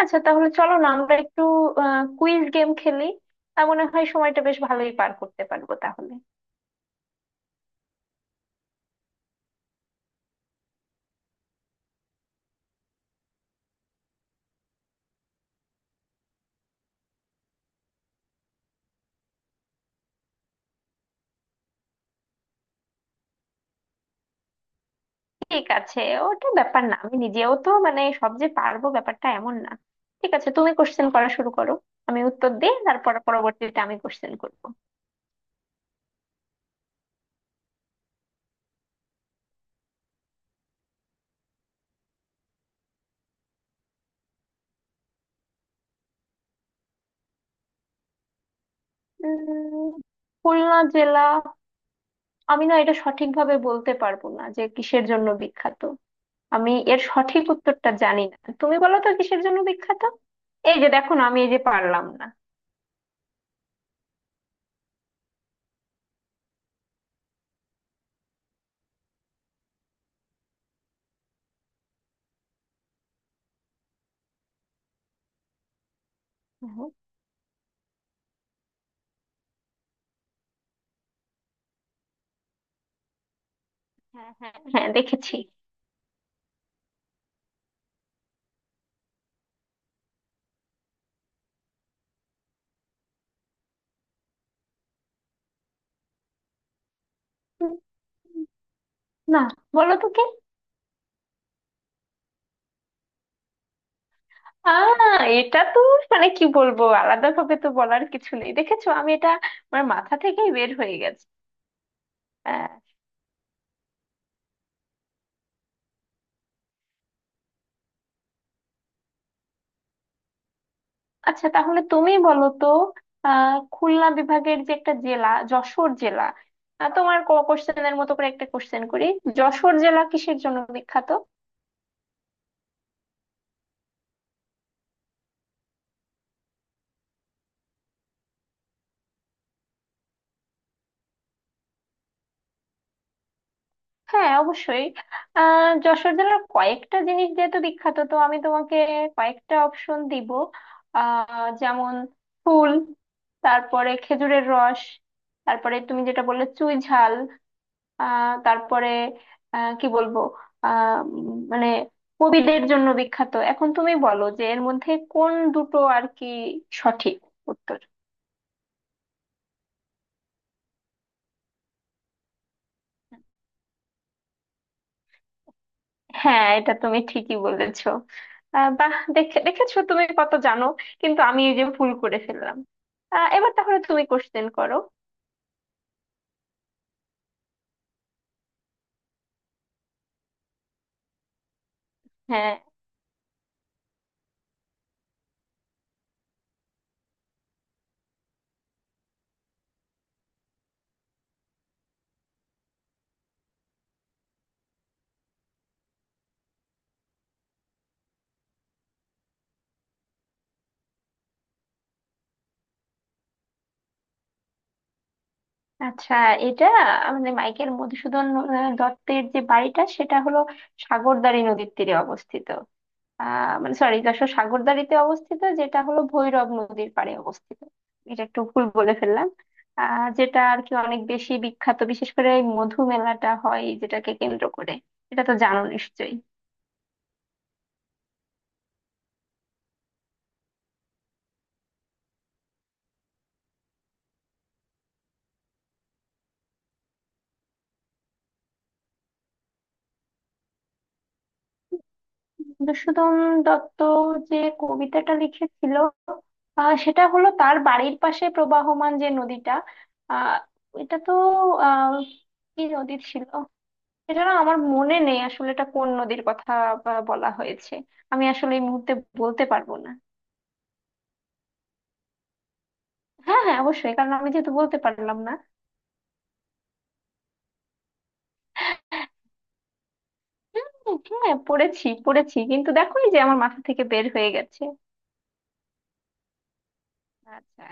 আচ্ছা, তাহলে চলো না আমরা একটু কুইজ গেম খেলি। তা মনে হয় সময়টা বেশ ভালোই পার করতে পারবো তাহলে। ঠিক আছে, ওটা ব্যাপার না। আমি নিজেও তো মানে সব যে পারবো ব্যাপারটা এমন না। ঠিক আছে, তুমি কোশ্চেন করা শুরু করো। আমি উত্তর দিই, তারপর পরবর্তীতে আমি কোশ্চেন করবো। উম খুলনা জেলা, আমি না এটা সঠিকভাবে বলতে পারবো না যে কিসের জন্য বিখ্যাত। আমি এর সঠিক উত্তরটা জানি না। তুমি বলো তো কিসের জন্য বিখ্যাত। এই যে দেখো না, আমি এই যে পারলাম না। হ্যাঁ, হ্যাঁ, হ্যাঁ, দেখেছি। উম, না, বলো তো কে। এটা তো মানে কি বলবো, আলাদা ভাবে তো বলার কিছু নেই। দেখেছো, আমি এটা আমার মাথা থেকেই বের হয়ে গেছে। আহ, আচ্ছা, তাহলে তুমি বলো তো। খুলনা বিভাগের যে একটা জেলা যশোর জেলা, তোমার কোশ্চেনের মতো করে একটা কোশ্চেন করি। যশোর জেলা কিসের জন্য বিখ্যাত? হ্যাঁ, অবশ্যই। যশোর জেলার কয়েকটা জিনিস যেহেতু বিখ্যাত, তো আমি তোমাকে কয়েকটা অপশন দিব। যেমন ফুল, তারপরে খেজুরের রস, তারপরে তুমি যেটা বললে চুই ঝাল, তারপরে কি বলবো, মানে কবিদের জন্য বিখ্যাত। এখন তুমি বলো যে এর মধ্যে কোন দুটো আর কি সঠিক উত্তর। হ্যাঁ, এটা তুমি ঠিকই বলেছো। বাহ, দেখেছো তুমি কত জানো, কিন্তু আমি এই যে ভুল করে ফেললাম। এবার তাহলে তুমি কোশ্চেন করো। হ্যাঁ, আচ্ছা। এটা মানে মাইকেল মধুসূদন দত্তের যে বাড়িটা সেটা হলো সাগরদাঁড়ি নদীর তীরে অবস্থিত। মানে সরি, যশোর সাগরদাঁড়িতে অবস্থিত যেটা হলো ভৈরব নদীর পাড়ে অবস্থিত। এটা একটু ভুল বলে ফেললাম। যেটা আর কি অনেক বেশি বিখ্যাত, বিশেষ করে এই মধু মেলাটা হয় যেটাকে কেন্দ্র করে। এটা তো জানো নিশ্চয়ই। মধুসূদন দত্ত যে কবিতাটা লিখেছিল, সেটা হলো তার বাড়ির পাশে প্রবাহমান যে নদীটা। আহ এটা তো আহ কি নদী ছিল? এটা না আমার মনে নেই আসলে, এটা কোন নদীর কথা বলা হয়েছে। আমি আসলে এই মুহূর্তে বলতে পারবো না। হ্যাঁ, হ্যাঁ, অবশ্যই, কারণ আমি যেহেতু বলতে পারলাম না। হ্যাঁ, হ্যাঁ, পড়েছি, পড়েছি, কিন্তু দেখো এই যে আমার মাথা থেকে বের হয়ে গেছে। আচ্ছা।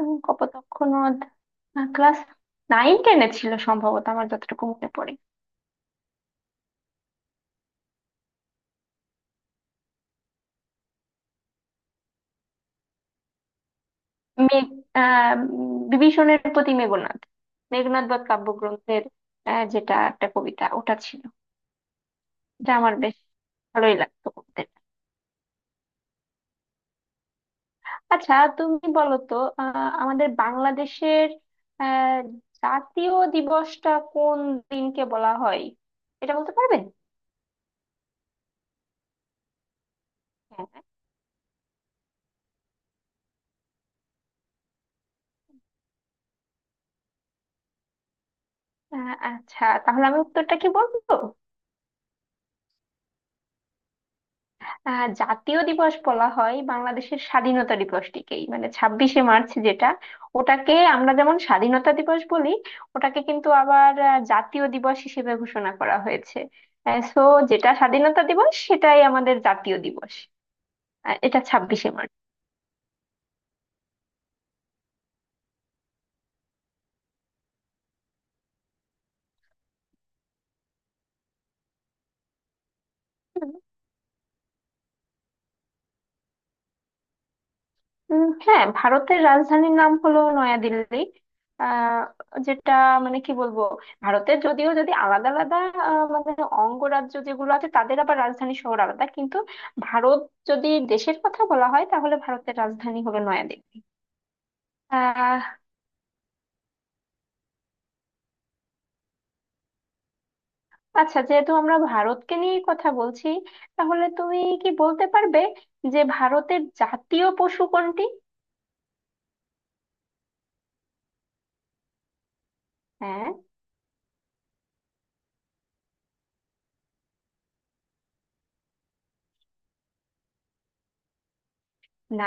কপোতাক্ষ নদ ক্লাস নাইন টেনে ছিল সম্ভবত, আমার যতটুকু মনে পড়ে। মেঘ বিভীষণের প্রতি মেঘনাদ, মেঘনাদ বধ কাব্যগ্রন্থের, যেটা একটা কবিতা, ওটা ছিল। এটা আমার বেশ ভালোই লাগতো পড়তে। আচ্ছা, তুমি বলো তো আমাদের বাংলাদেশের আহ, জাতীয় দিবসটা কোন দিনকে বলা হয়? এটা বলতে পারবে? হ্যাঁ। আচ্ছা, তাহলে আমি উত্তরটা কি বলবো? জাতীয় দিবস বলা হয় বাংলাদেশের স্বাধীনতা দিবসটিকেই, মানে 26শে মার্চ যেটা, ওটাকে আমরা যেমন স্বাধীনতা দিবস বলি, ওটাকে কিন্তু আবার জাতীয় দিবস হিসেবে ঘোষণা করা হয়েছে। সো যেটা স্বাধীনতা দিবস সেটাই আমাদের জাতীয় দিবস। এটা 26শে মার্চ। হ্যাঁ, ভারতের রাজধানীর নাম হলো নয়াদিল্লি। আহ যেটা মানে কি বলবো, ভারতের যদিও যদি আলাদা আলাদা মানে অঙ্গরাজ্য যেগুলো আছে তাদের আবার রাজধানী শহর আলাদা, কিন্তু ভারত যদি দেশের কথা বলা হয় তাহলে ভারতের রাজধানী হলো নয়াদিল্লি। আহ আচ্ছা, যেহেতু আমরা ভারতকে নিয়ে কথা বলছি, তাহলে তুমি কি বলতে পারবে যে ভারতের জাতীয় পশু কোনটি? হ্যাঁ। না,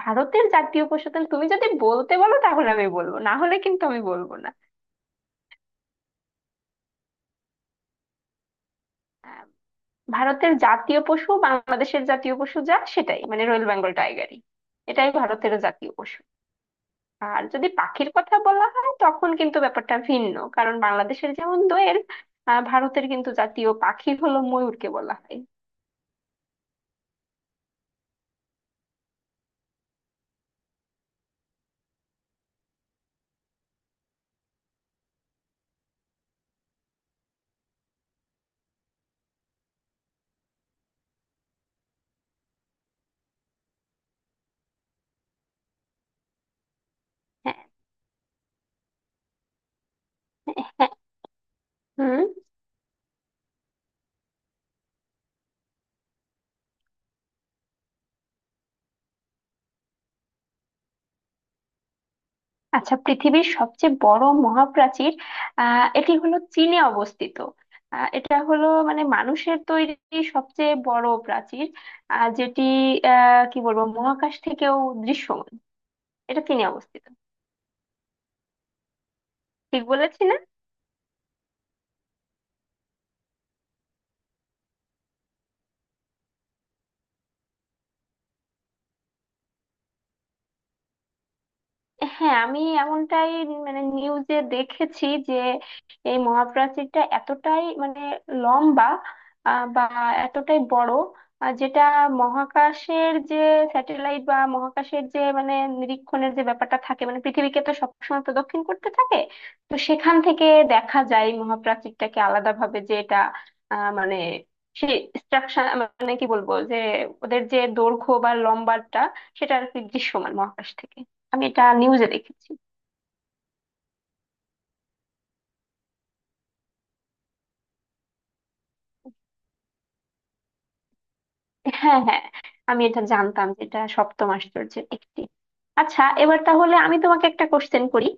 ভারতের জাতীয় পশু তাহলে তুমি যদি বলতে বলো তাহলে আমি বলবো, না হলে কিন্তু আমি বলবো না। আহ, ভারতের জাতীয় পশু বাংলাদেশের জাতীয় পশু যা সেটাই, মানে রয়েল বেঙ্গল টাইগারই এটাই ভারতের জাতীয় পশু। আর যদি পাখির কথা বলা হয় তখন কিন্তু ব্যাপারটা ভিন্ন, কারণ বাংলাদেশের যেমন দোয়েল, ভারতের কিন্তু জাতীয় পাখি হলো ময়ূরকে বলা হয়। হ্যাঁ, হ্যাঁ, হুম। আচ্ছা, পৃথিবীর সবচেয়ে বড় মহাপ্রাচীর, এটি হলো চীনে অবস্থিত। এটা হলো মানে মানুষের তৈরি সবচেয়ে বড় প্রাচীর, যেটি কি বলবো, মহাকাশ থেকেও দৃশ্যমান। এটা চীনে অবস্থিত। ঠিক বলেছি না? হ্যাঁ, আমি এমনটাই মানে নিউজে দেখেছি যে এই মহাপ্রাচীরটা এতটাই মানে লম্বা, বা এতটাই বড়, যেটা মহাকাশের যে স্যাটেলাইট বা মহাকাশের যে মানে নিরীক্ষণের যে ব্যাপারটা থাকে, মানে পৃথিবীকে তো সবসময় প্রদক্ষিণ করতে থাকে, তো সেখান থেকে দেখা যায় এই মহাপ্রাচীরটাকে আলাদাভাবে, যে এটা মানে সেই স্ট্রাকচার, মানে কি বলবো যে ওদের যে দৈর্ঘ্য বা লম্বাটা সেটা আর কি দৃশ্যমান মহাকাশ থেকে। আমি এটা নিউজে দেখেছি। হ্যাঁ, হ্যাঁ, আমি এটা জানতাম যে এটা সপ্তম আশ্চর্যের একটি। আচ্ছা, এবার তাহলে আমি তোমাকে একটা কোশ্চেন করি।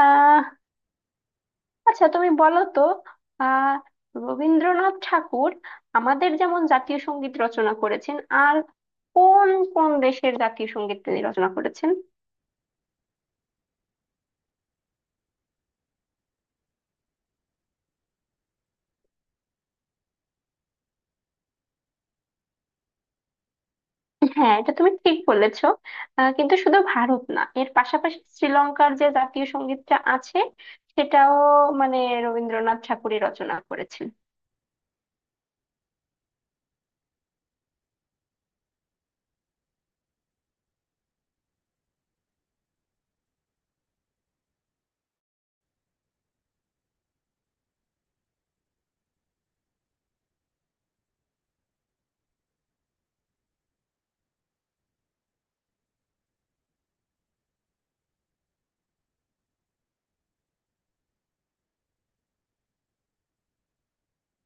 আহ আচ্ছা, তুমি বলো তো, আহ রবীন্দ্রনাথ ঠাকুর আমাদের যেমন জাতীয় সঙ্গীত রচনা করেছেন, আর কোন কোন দেশের জাতীয় সঙ্গীত তিনি রচনা করেছেন? হ্যাঁ, এটা তুমি ঠিক বলেছো। কিন্তু শুধু ভারত না, এর পাশাপাশি শ্রীলঙ্কার যে জাতীয় সঙ্গীতটা আছে সেটাও মানে রবীন্দ্রনাথ ঠাকুরই রচনা করেছেন।